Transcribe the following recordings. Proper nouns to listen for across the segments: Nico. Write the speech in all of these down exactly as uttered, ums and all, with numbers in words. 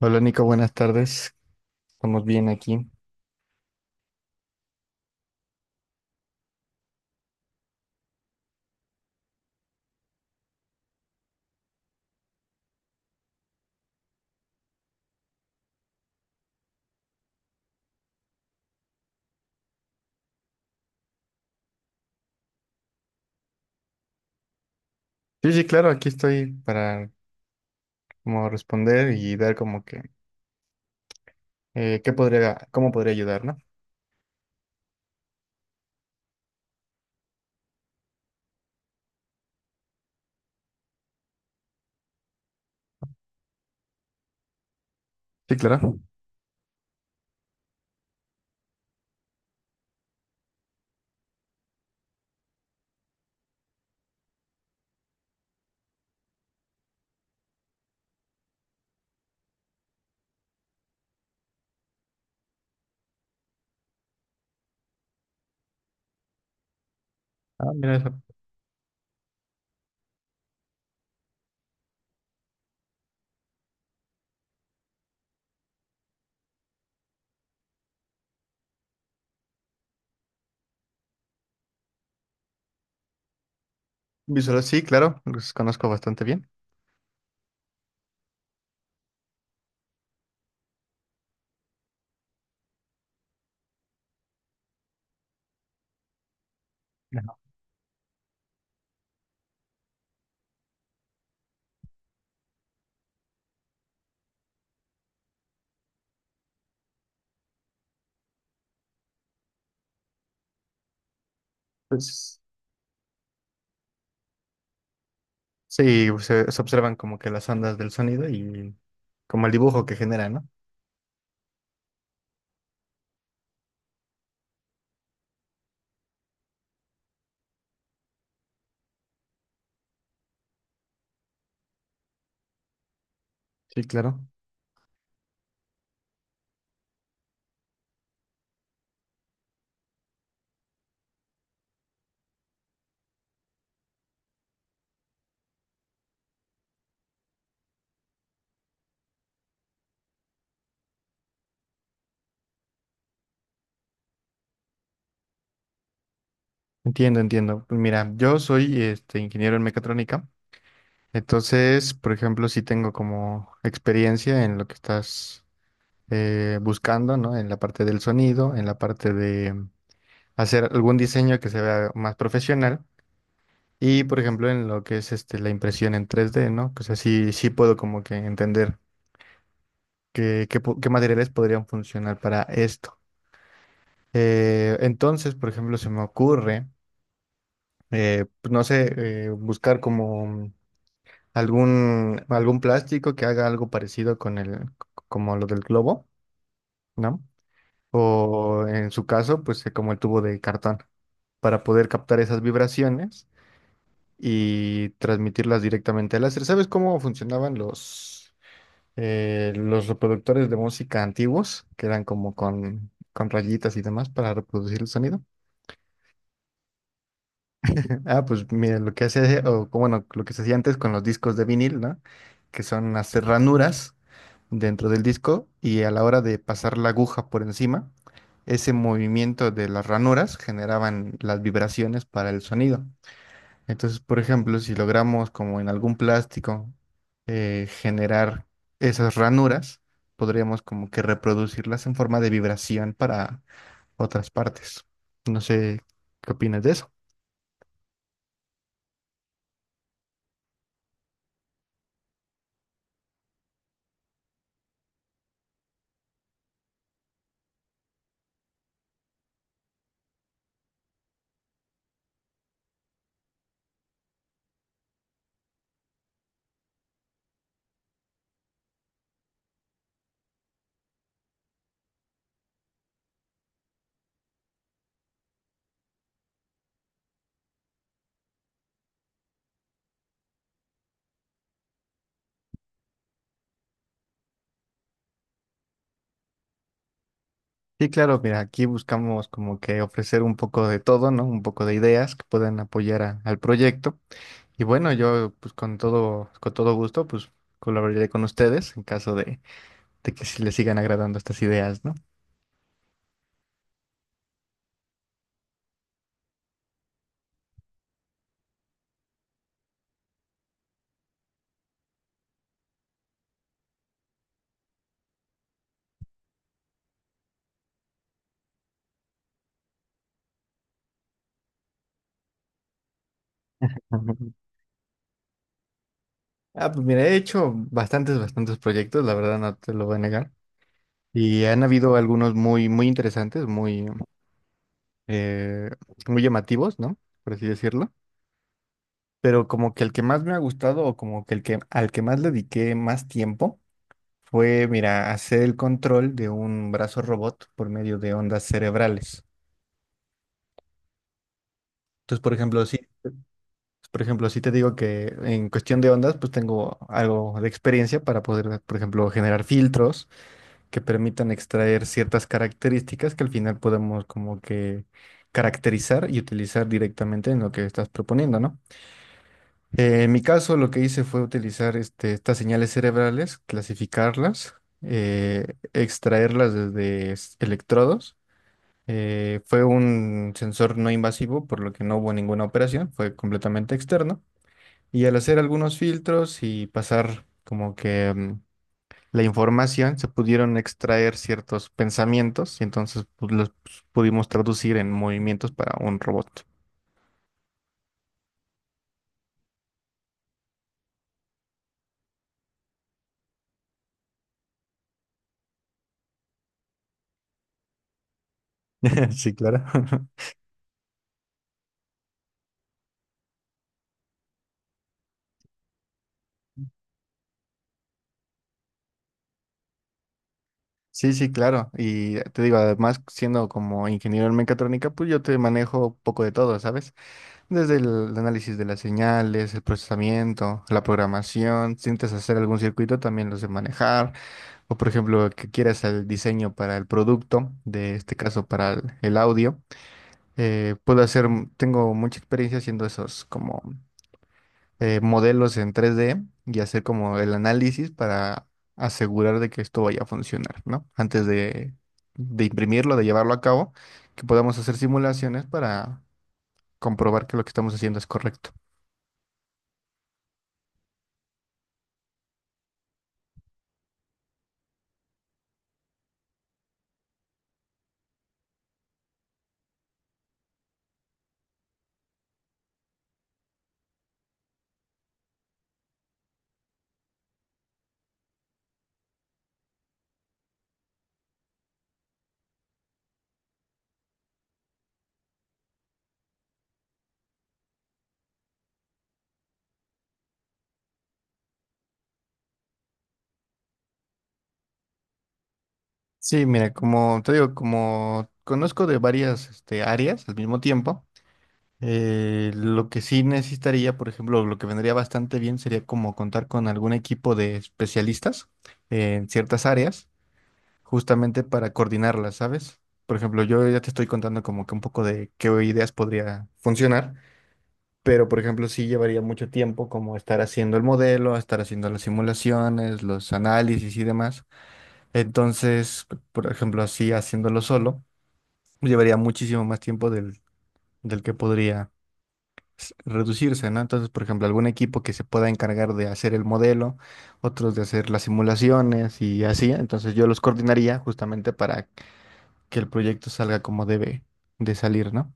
Hola Nico, buenas tardes. Estamos bien aquí. Sí, sí, claro, aquí estoy para como responder y dar como que eh, qué podría, cómo podría ayudar, ¿no? Sí, claro. Ah, mira esa visual, sí, claro, los conozco bastante bien. Ajá. Pues sí, se, se observan como que las ondas del sonido y como el dibujo que genera, ¿no? Sí, claro. Entiendo, entiendo. Pues mira, yo soy este ingeniero en mecatrónica, entonces, por ejemplo, sí tengo como experiencia en lo que estás eh, buscando, ¿no? En la parte del sonido, en la parte de mm, hacer algún diseño que se vea más profesional. Y, por ejemplo, en lo que es este, la impresión en tres d, ¿no? O sea, sí, sí puedo como que entender qué, qué po- qué materiales podrían funcionar para esto. Eh, entonces, por ejemplo, se me ocurre, eh, pues, no sé, eh, buscar como mm, algún, algún plástico que haga algo parecido con el, como lo del globo, ¿no? O en su caso, pues eh, como el tubo de cartón, para poder captar esas vibraciones y transmitirlas directamente al láser. ¿Sabes cómo funcionaban los, eh, los reproductores de música antiguos, que eran como con, con rayitas y demás para reproducir el sonido? Ah, pues mira, lo que hace, o como, bueno, lo que se hacía antes con los discos de vinil, ¿no? Que son hacer ranuras dentro del disco y a la hora de pasar la aguja por encima, ese movimiento de las ranuras generaban las vibraciones para el sonido. Entonces, por ejemplo, si logramos como en algún plástico eh, generar esas ranuras, podríamos como que reproducirlas en forma de vibración para otras partes. No sé qué opinas de eso. Sí, claro, mira, aquí buscamos como que ofrecer un poco de todo, ¿no? Un poco de ideas que puedan apoyar a- al proyecto. Y bueno, yo pues con todo, con todo gusto, pues colaboraré con ustedes en caso de, de que sí les sigan agradando estas ideas, ¿no? Ah, pues mira, he hecho bastantes, bastantes proyectos, la verdad no te lo voy a negar. Y han habido algunos muy, muy interesantes, muy, eh, muy llamativos, ¿no? Por así decirlo. Pero como que el que más me ha gustado o como que el que al que más le dediqué más tiempo fue, mira, hacer el control de un brazo robot por medio de ondas cerebrales. Entonces, por ejemplo, sí, por ejemplo, sí te digo que en cuestión de ondas, pues tengo algo de experiencia para poder, por ejemplo, generar filtros que permitan extraer ciertas características que al final podamos como que caracterizar y utilizar directamente en lo que estás proponiendo, ¿no? Eh, en mi caso, lo que hice fue utilizar este, estas señales cerebrales, clasificarlas, eh, extraerlas desde s- electrodos. Eh, fue un sensor no invasivo, por lo que no hubo ninguna operación, fue completamente externo. Y al hacer algunos filtros y pasar como que mm, la información, se pudieron extraer ciertos pensamientos y entonces pues, los pudimos traducir en movimientos para un robot. Sí, claro. Sí, sí, claro. Y te digo, además, siendo como ingeniero en mecatrónica, pues yo te manejo poco de todo, ¿sabes? Desde el análisis de las señales, el procesamiento, la programación, si intentas hacer algún circuito, también los de manejar. O por ejemplo, que quieras el diseño para el producto, de este caso para el el audio. Eh, puedo hacer, mm, tengo mucha experiencia haciendo esos como eh, modelos en tres D y hacer como el análisis para asegurar de que esto vaya a funcionar, ¿no? Antes de, de imprimirlo, de llevarlo a cabo, que podamos hacer simulaciones para comprobar que lo que estamos haciendo es correcto. Sí, mira, como te digo, como conozco de varias este, áreas al mismo tiempo, Eh, lo que sí necesitaría, por ejemplo, lo que vendría bastante bien sería como contar con algún equipo de especialistas en ciertas áreas, justamente para coordinarlas, ¿sabes? Por ejemplo, yo ya te estoy contando como que un poco de qué ideas podría funcionar, pero por ejemplo, sí llevaría mucho tiempo como estar haciendo el modelo, estar haciendo las simulaciones, los análisis y demás. Entonces, por ejemplo, así haciéndolo solo, llevaría muchísimo más tiempo del, del que podría. S- reducirse, ¿no? Entonces, por ejemplo, algún equipo que se pueda encargar de hacer el modelo, otros de hacer las simulaciones y así. Entonces yo los coordinaría justamente para que el proyecto salga como debe de salir, ¿no?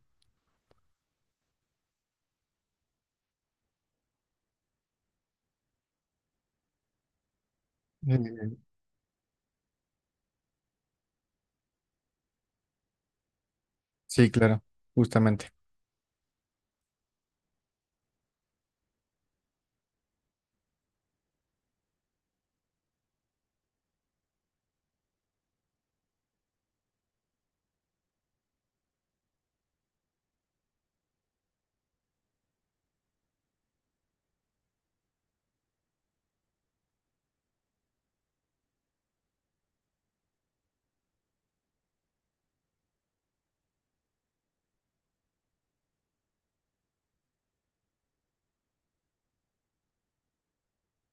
Eh, sí, claro, justamente.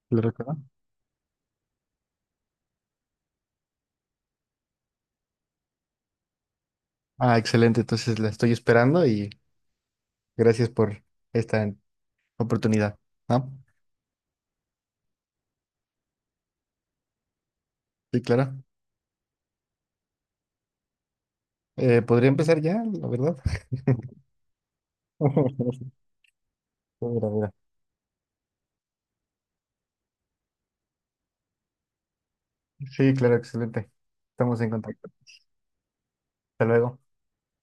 Claro que no. Ah, excelente. Entonces la estoy esperando y gracias por esta oportunidad, ¿no? Sí, claro. Eh, podría empezar ya, la verdad. Mira, mira. Sí, claro, excelente. Estamos en contacto. Hasta luego.